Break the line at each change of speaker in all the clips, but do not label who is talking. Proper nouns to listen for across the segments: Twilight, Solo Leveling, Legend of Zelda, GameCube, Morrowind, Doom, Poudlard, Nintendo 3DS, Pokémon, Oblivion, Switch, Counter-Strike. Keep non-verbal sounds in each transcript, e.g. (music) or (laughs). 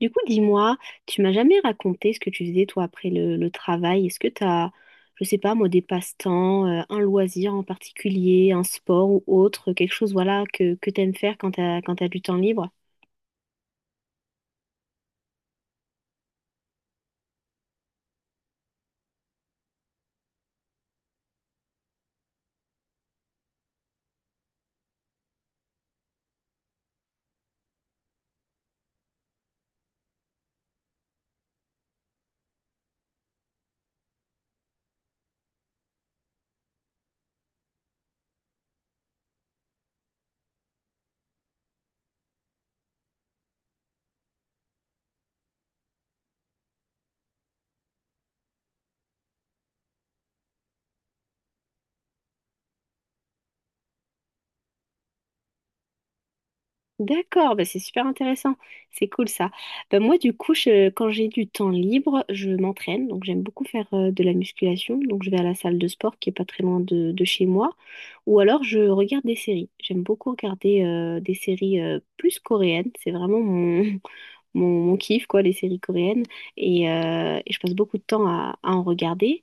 Du coup, dis-moi, tu m'as jamais raconté ce que tu faisais toi après le travail. Est-ce que tu as, je sais pas moi, des passe-temps, un loisir en particulier, un sport ou autre, quelque chose voilà que tu aimes faire quand tu as, quand tu du temps libre? D'accord, bah c'est super intéressant, c'est cool ça. Bah moi du coup, quand j'ai du temps libre, je m'entraîne, donc j'aime beaucoup faire de la musculation, donc je vais à la salle de sport qui est pas très loin de chez moi, ou alors je regarde des séries. J'aime beaucoup regarder des séries plus coréennes, c'est vraiment (laughs) mon kiff quoi, les séries coréennes, et je passe beaucoup de temps à en regarder.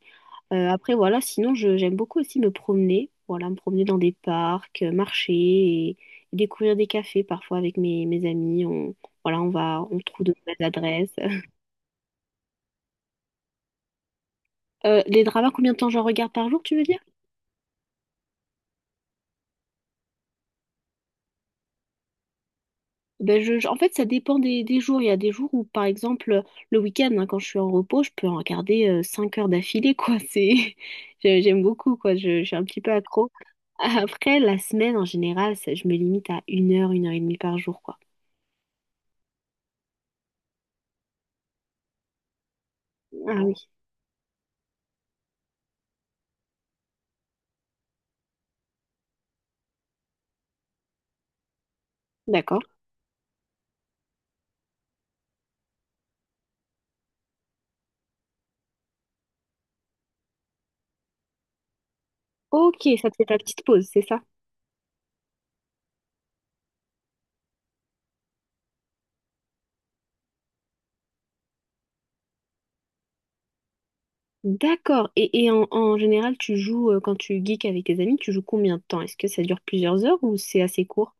Après, voilà, sinon, je, j'aime beaucoup aussi me promener. Voilà, me promener dans des parcs, marcher et découvrir des cafés parfois avec mes amis. On, voilà, on va, on trouve de nouvelles adresses. (laughs) Les dramas, combien de temps j'en regarde par jour, tu veux dire? Ben je, en fait, ça dépend des jours. Il y a des jours où, par exemple, le week-end, hein, quand je suis en repos, je peux en regarder 5 heures d'affilée, quoi. C'est, (laughs) j'aime beaucoup, quoi. Je suis un petit peu accro. Après, la semaine, en général, je me limite à 1 heure, 1 heure et demie par jour, quoi. Ah oui, d'accord. Ok, ça te fait ta petite pause, c'est ça? D'accord. Et en, en général, tu joues, quand tu geeks avec tes amis, tu joues combien de temps? Est-ce que ça dure plusieurs heures ou c'est assez court?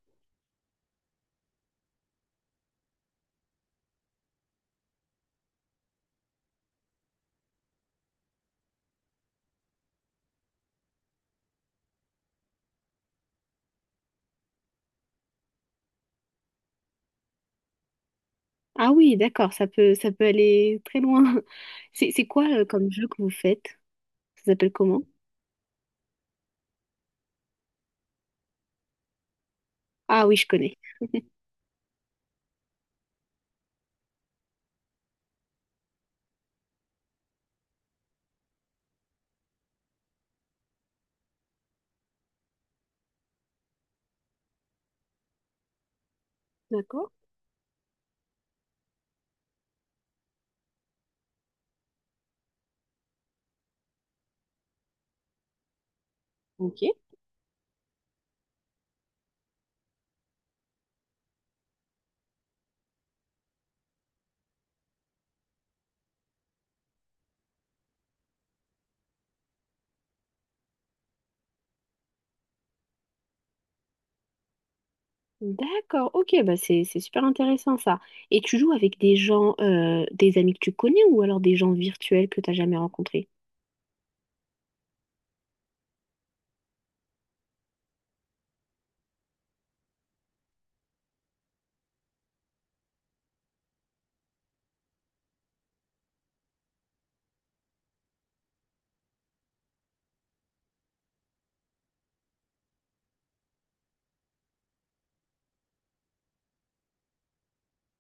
Ah oui, d'accord, ça peut aller très loin. (laughs) C'est quoi, comme jeu que vous faites? Ça s'appelle comment? Ah oui, je connais. (laughs) D'accord. Ok. D'accord, ok, bah c'est super intéressant ça. Et tu joues avec des gens, des amis que tu connais ou alors des gens virtuels que t'as jamais rencontrés?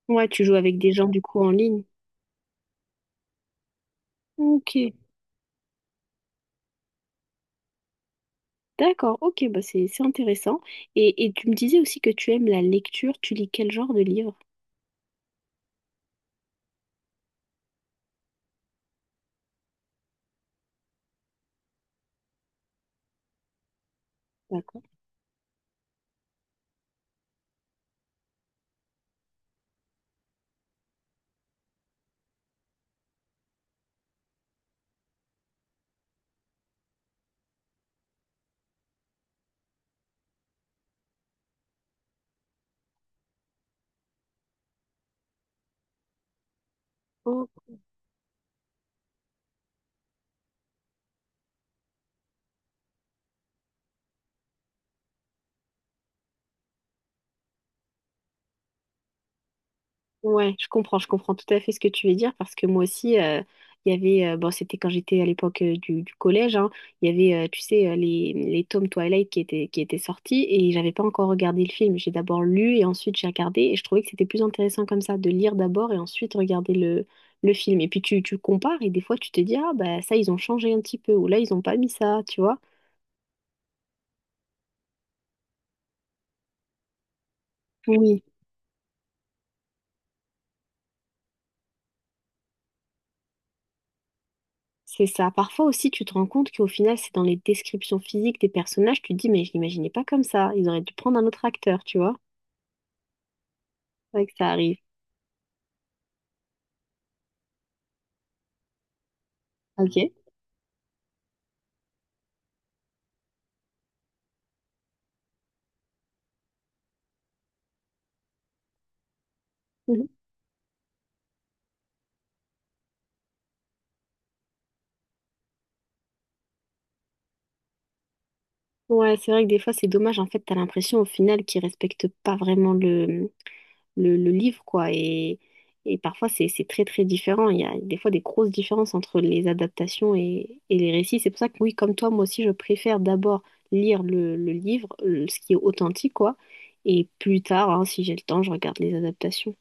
Ouais, tu joues avec des gens du coup en ligne. Ok. D'accord, ok, bah c'est intéressant. Et tu me disais aussi que tu aimes la lecture, tu lis quel genre de livre? D'accord. Oh, ouais, je comprends tout à fait ce que tu veux dire parce que moi aussi, il y avait, bon, c'était quand j'étais à l'époque du collège, hein, il y avait, tu sais, les tomes Twilight qui étaient sortis et j'avais pas encore regardé le film. J'ai d'abord lu et ensuite j'ai regardé et je trouvais que c'était plus intéressant comme ça, de lire d'abord et ensuite regarder le film. Et puis tu compares et des fois tu te dis, ah bah ça, ils ont changé un petit peu ou là, ils ont pas mis ça, tu vois. Oui, c'est ça. Parfois aussi, tu te rends compte qu'au final, c'est dans les descriptions physiques des personnages, tu te dis, mais je l'imaginais pas comme ça. Ils auraient dû prendre un autre acteur, tu vois. C'est vrai que ça arrive. Ok. Mhm. Ouais, c'est vrai que des fois, c'est dommage. En fait, t'as l'impression au final qu'ils respectent pas vraiment le livre, quoi. Et parfois, c'est très, très différent. Il y a des fois des grosses différences entre les adaptations et les récits. C'est pour ça que, oui, comme toi, moi aussi, je préfère d'abord lire le livre, ce qui est authentique, quoi. Et plus tard, hein, si j'ai le temps, je regarde les adaptations.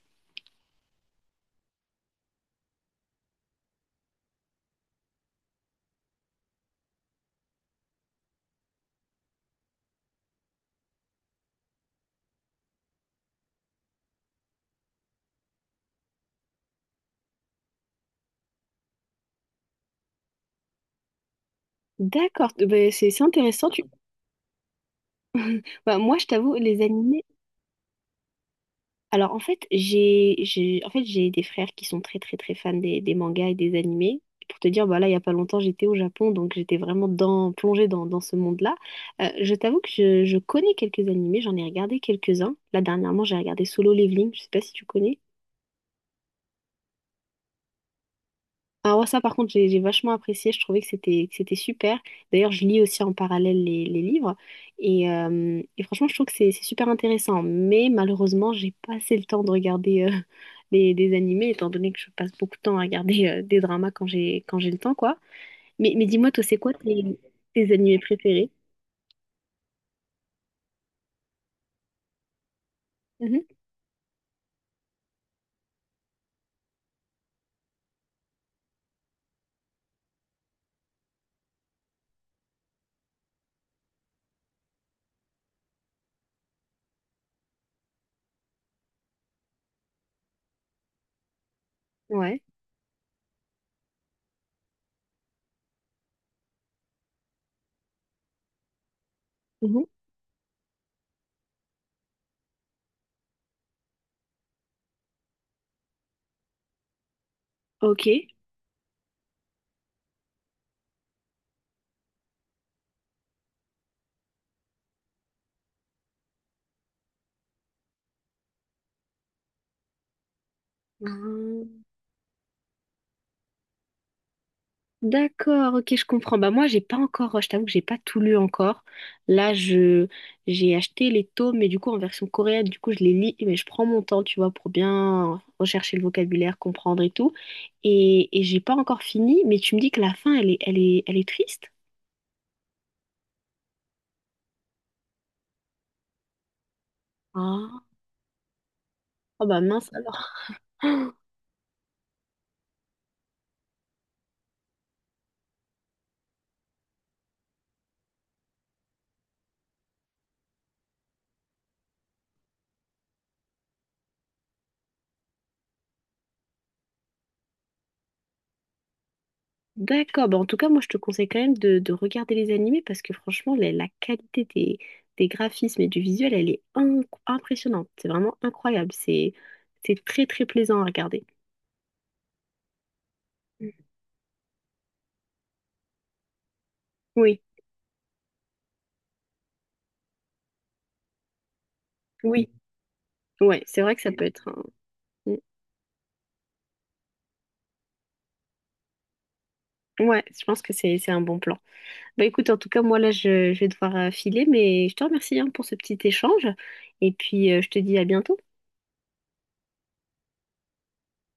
D'accord, ben, c'est intéressant. Tu... Bah, moi, je t'avoue, les animés. Alors, en fait, j'ai des frères qui sont très fans des mangas et des animés. Pour te dire, bah là, il y a pas longtemps, j'étais au Japon, donc j'étais vraiment dans, plongée dans, dans ce monde-là. Je t'avoue que je connais quelques animés, j'en ai regardé quelques-uns. Là, dernièrement, j'ai regardé Solo Leveling. Je sais pas si tu connais. Ah ouais, ça par contre, j'ai vachement apprécié, je trouvais que c'était super. D'ailleurs, je lis aussi en parallèle les livres et franchement, je trouve que c'est super intéressant. Mais malheureusement, j'ai pas assez le temps de regarder (laughs) des animés, étant donné que je passe beaucoup de temps à regarder des dramas quand j'ai le temps, quoi. Mais dis-moi, c'est quoi tes animés préférés? Mhm. Ouais. Mhm. Ok. D'accord, ok, je comprends. Bah moi, j'ai pas encore, je t'avoue que j'ai pas tout lu encore. Là, je j'ai acheté les tomes, mais du coup en version coréenne, du coup je les lis, mais je prends mon temps, tu vois, pour bien rechercher le vocabulaire, comprendre et tout. Et j'ai pas encore fini, mais tu me dis que la fin, elle est, elle est, elle est triste? Ah, oh bah mince alors. D'accord, bah en tout cas, moi je te conseille quand même de regarder les animés parce que franchement, la qualité des graphismes et du visuel, elle est impressionnante. C'est vraiment incroyable. C'est très très plaisant à regarder. Mm. Oui, oui, ouais, c'est vrai que ça peut être un... Mm. Ouais, je pense que c'est un bon plan. Bah écoute, en tout cas, moi là, je vais devoir filer, mais je te remercie hein, pour ce petit échange et puis je te dis à bientôt.